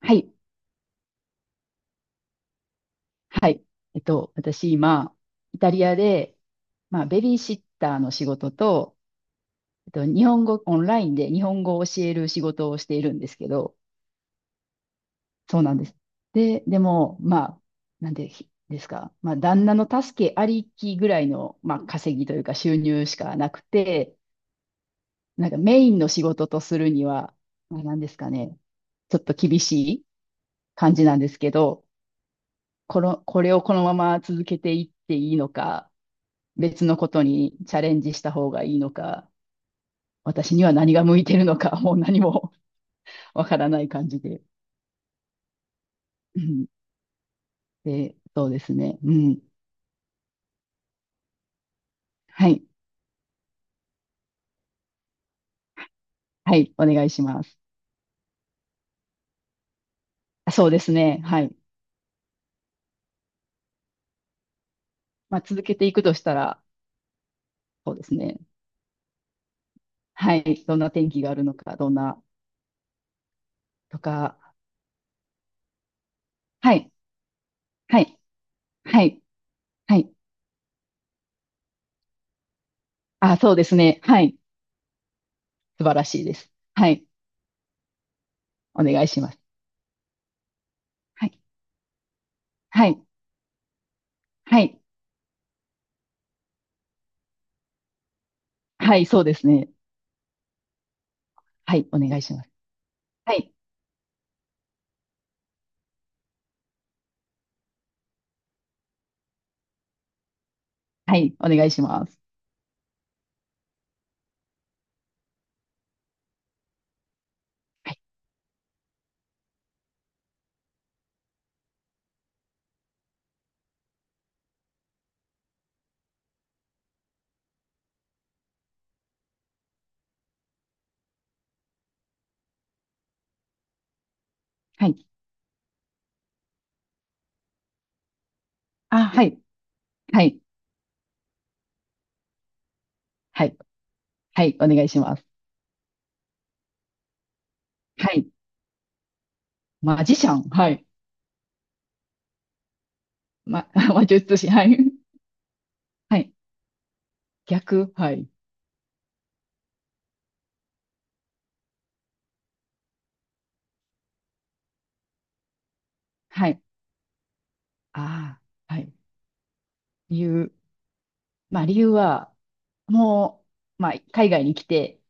はい。はい。私今、イタリアで、まあ、ベビーシッターの仕事と、日本語、オンラインで日本語を教える仕事をしているんですけど、そうなんです。でも、まあ、なんでひですか、まあ、旦那の助けありきぐらいの、まあ、稼ぎというか収入しかなくて、なんかメインの仕事とするには、まあ、なんですかね、ちょっと厳しい感じなんですけど、これをこのまま続けていっていいのか、別のことにチャレンジした方がいいのか、私には何が向いてるのか、もう何も わからない感じで。うん。で、そうですね。うん。はい。はい。お願いします。あ、そうですね。はい。まあ、続けていくとしたら、そうですね。はい。どんな天気があるのか、どんな、とか。はい。はい。はい。はい。あ、そうですね。はい。素晴らしいです。はい。お願いします。はい。はい。はい。はい。そうですね。はい。お願いします。はい。はい。お願いします。はい。はい。あ、はい。はい。はい。はい。お願いします。はい。マジシャン。はい。ま、魔術師。はい。はい。逆。はい。はい。ああ、はい。理由。まあ、理由は、もう、まあ、海外に来て、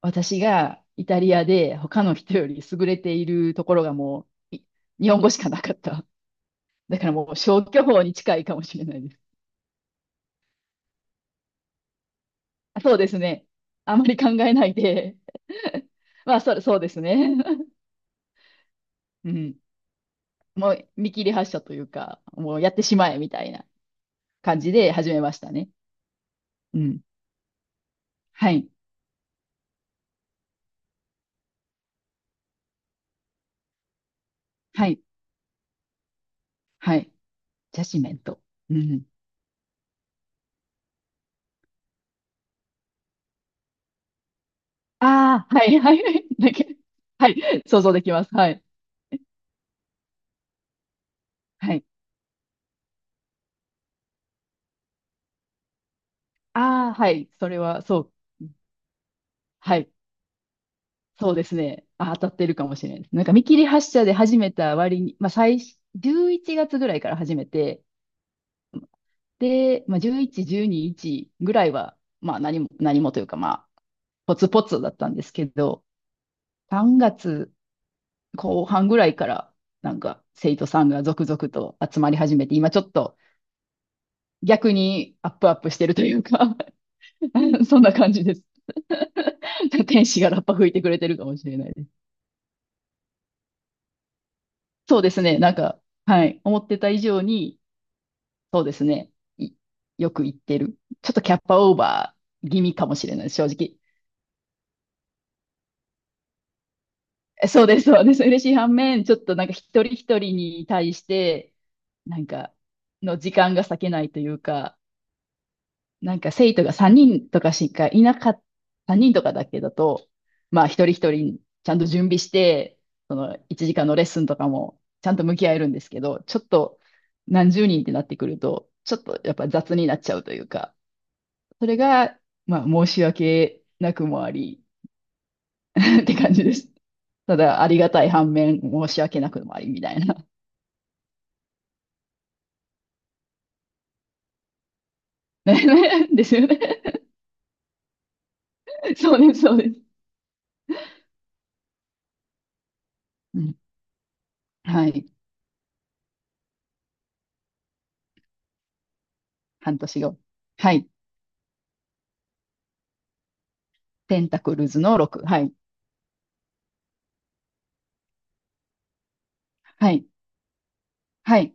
私がイタリアで他の人より優れているところがもう、日本語しかなかった。だからもう消去法に近いかもしれないです。あ、そうですね。あまり考えないで。まあ、そうですね。うん。もう見切り発車というか、もうやってしまえみたいな感じで始めましたね。うん。はい。はい。はい。ジャシメント。うん。ああ、はい、はい、はい。だけ、はい。想像できます。はい。はい。ああ、はい。それは、そう。はい。そうですね。あ、当たってるかもしれないです。なんか見切り発車で始めた割に、まあ最初、11月ぐらいから始めて、で、まあ、11、12、1ぐらいは、まあ、何もというか、まあ、ポツポツだったんですけど、3月後半ぐらいから、なんか生徒さんが続々と集まり始めて、今ちょっと逆にアップアップしてるというか、 そんな感じです。天使がラッパ吹いてくれてるかもしれないです。そうですね、なんか、はい、思ってた以上に、そうですね、いよく言ってる。ちょっとキャッパオーバー気味かもしれないです、正直。え、そうです、そうです。嬉しい反面、ちょっとなんか一人一人に対して、なんか、の時間が割けないというか、なんか生徒が3人とかしかいなかった、3人とかだけだと、まあ一人一人ちゃんと準備して、その1時間のレッスンとかもちゃんと向き合えるんですけど、ちょっと何十人ってなってくると、ちょっとやっぱ雑になっちゃうというか、それが、まあ申し訳なくもあり、 って感じです。ただありがたい反面申し訳なくもありみたいな。ね、 ですよね。そうです、そうです。うん、はい。半年後。はい。ペンタクルズの6。はい。はい、はい、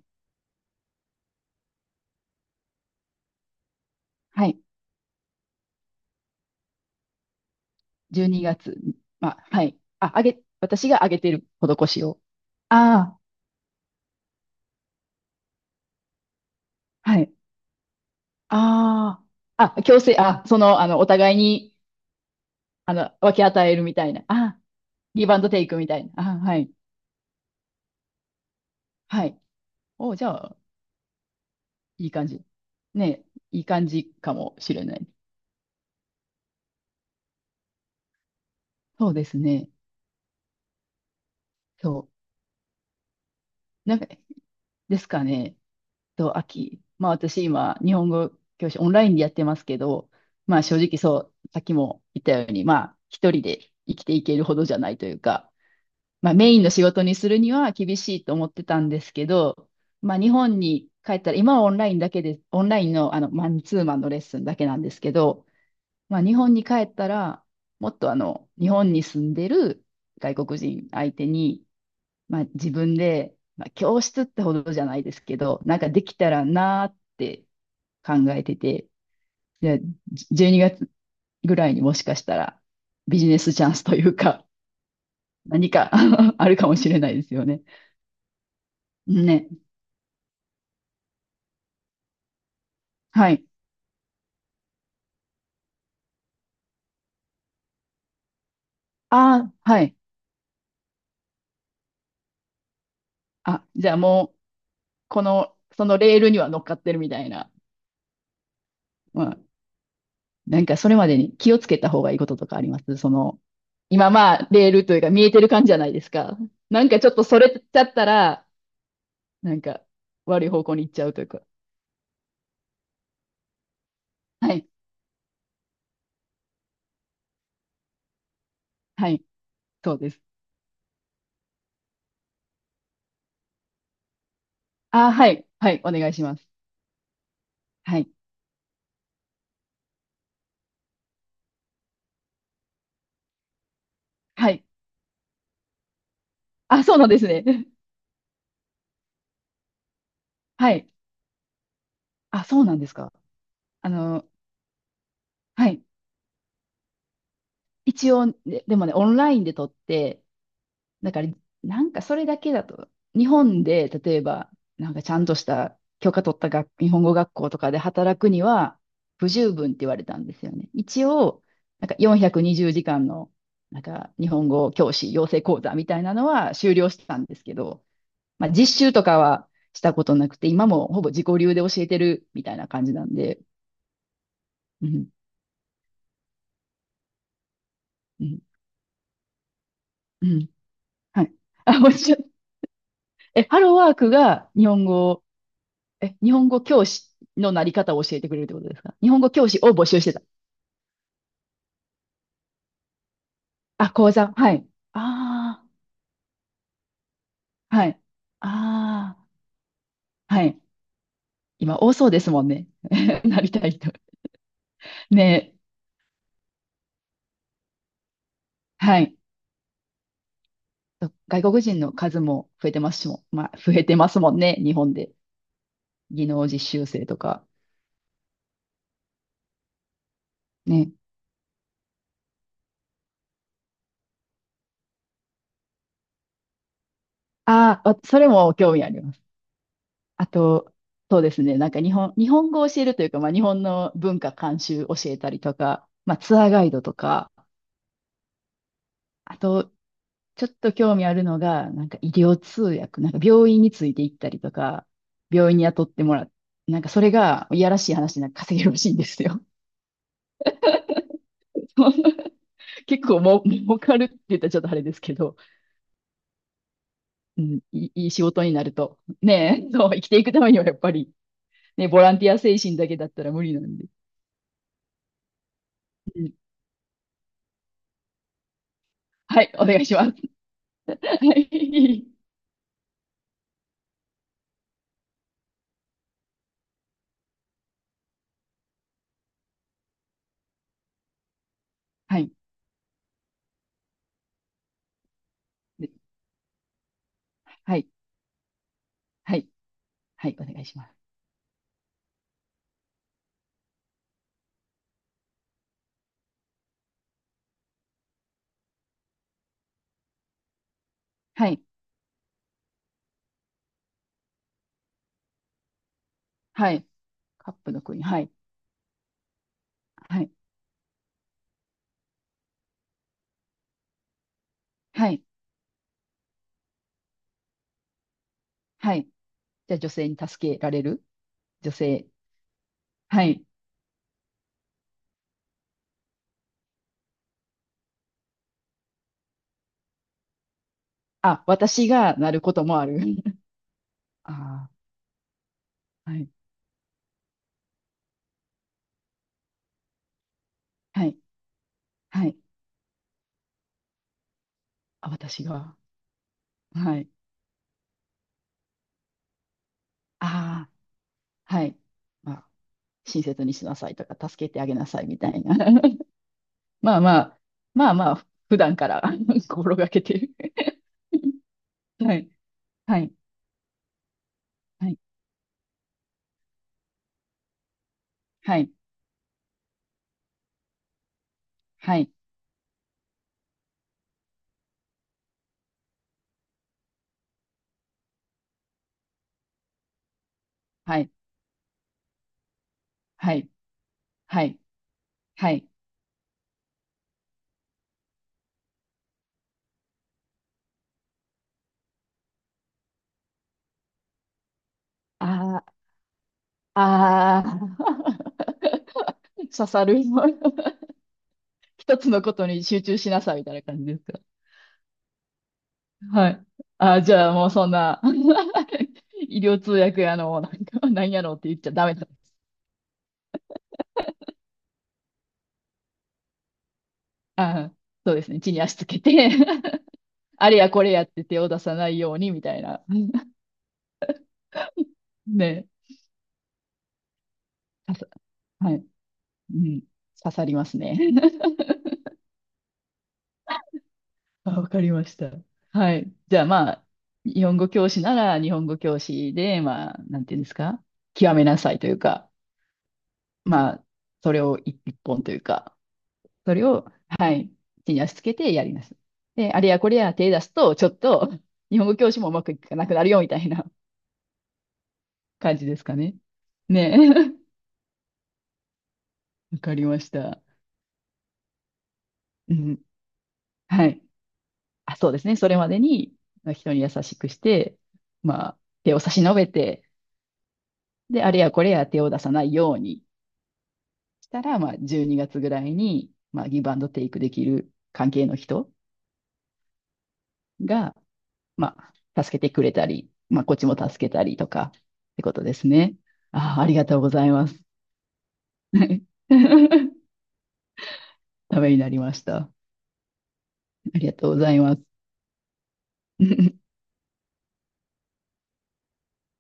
はい。12月。まあ、はい。あ、あげ、私があげてる施しを。ああ、はい。ああ、あ、強制、あ、その、あの、お互いに、あの、分け与えるみたいな。あ、ギブアンドテイクみたいな。あ、はい、はい。お、じゃあ、いい感じ。ね、いい感じかもしれない。そうですね。そう。なんか、ですかね。と、秋。まあ私今、日本語教師オンラインでやってますけど、まあ正直そう、さっきも言ったように、まあ一人で生きていけるほどじゃないというか、まあメインの仕事にするには厳しいと思ってたんですけど、まあ日本に帰ったら、今はオンラインだけで、オンラインのあのマンツーマンのレッスンだけなんですけど、まあ日本に帰ったら、もっとあの、日本に住んでる外国人相手に、まあ、自分で、まあ、教室ってほどじゃないですけど、なんかできたらなーって考えてて、で、12月ぐらいにもしかしたらビジネスチャンスというか、何か あるかもしれないですよね。ね。はい。ああ、はい。あ、じゃあもう、そのレールには乗っかってるみたいな。まあ、なんかそれまでに気をつけた方がいいこととかありますその、今まあ、レールというか見えてる感じじゃないですか。なんかちょっとそれちゃったら、なんか、悪い方向に行っちゃうというか。はい。はい。そうです。あ、はい。はい。お願いします。はい。はい。あ、そうなんですね。はい。あ、そうなんですか。あの、はい。一応、でもね、オンラインで撮って、だから、なんかそれだけだと、日本で、例えば、なんかちゃんとした許可取った学日本語学校とかで働くには不十分って言われたんですよね。一応、なんか420時間の、なんか日本語教師養成講座みたいなのは修了したんですけど、まあ実習とかはしたことなくて、今もほぼ自己流で教えてるみたいな感じなんで、うん、うん、うん。はい。あ、もちろん、え、ハローワークが日本語え、日本語教師のなり方を教えてくれるってことですか日本語教師を募集してた。あ、講座。はい。ああ、はい。ああ、はい。今多そうですもんね。なりたい人。ねえ。はい。外国人の数も増えてますしも、まあ、増えてますもんね。日本で。技能実習生とか。ね。ああ、わそれも興味あります。あと、そうですね。なんか日本語を教えるというか、まあ日本の文化監修教えたりとか、まあツアーガイドとか、あとちょっと興味あるのが、なんか医療通訳、なんか病院について行ったりとか、病院に雇ってもらう。なんかそれが、いやらしい話でなんか稼げるらしいんですよ。結構もう、儲かるって言ったらちょっとあれですけど、うん、いい仕事になると。ねえ、そう、生きていくためにはやっぱり、ね、ボランティア精神だけだったら無理なんで。うん、はい、お願いします。はい。はい。ではい。はい。はい。お願いします。はい。はい。カップの国。はい。はい。はい。はい。じゃあ女性に助けられる女性。はい。あ、私がなることもある。ああ、はい。はい。はい。あ、私が。はい。ああ、はい。まあ、親切にしなさいとか、助けてあげなさいみたいな。まあまあ、まあまあ、普段から 心がけてる。はい。はい。はい。はい。はい。はい。はい。はい。はい。ああ、ああ、刺さる。一つのことに集中しなさいみたいな感じですか。はい。あ、じゃあもうそんな、 医療通訳やの、なんか、なんやろうって言っちゃダメだ。あ、そうですね。地に足つけて あれやこれやって手を出さないようにみたいな。ね。あさはい。うん。刺さりますね。あ、わかりました。はい。じゃあまあ、日本語教師なら日本語教師で、まあ、なんていうんですか。極めなさいというか、まあ、それを一本というか。それを、はい、地に足つけてやります。で、あれやこれや手出すと、ちょっと、日本語教師もうまくいかなくなるよ、みたいな 感じですかね。ねえ。わかりました。うん。はい。あ、そうですね。それまでに、まあ人に優しくして、まあ、手を差し伸べて、で、あれやこれや手を出さないようにしたら、まあ、12月ぐらいに、まあ、ギブアンドテイクできる関係の人が、まあ、助けてくれたり、まあ、こっちも助けたりとかってことですね。ああ、ありがとうございます。ためになりました。ありがとうございます。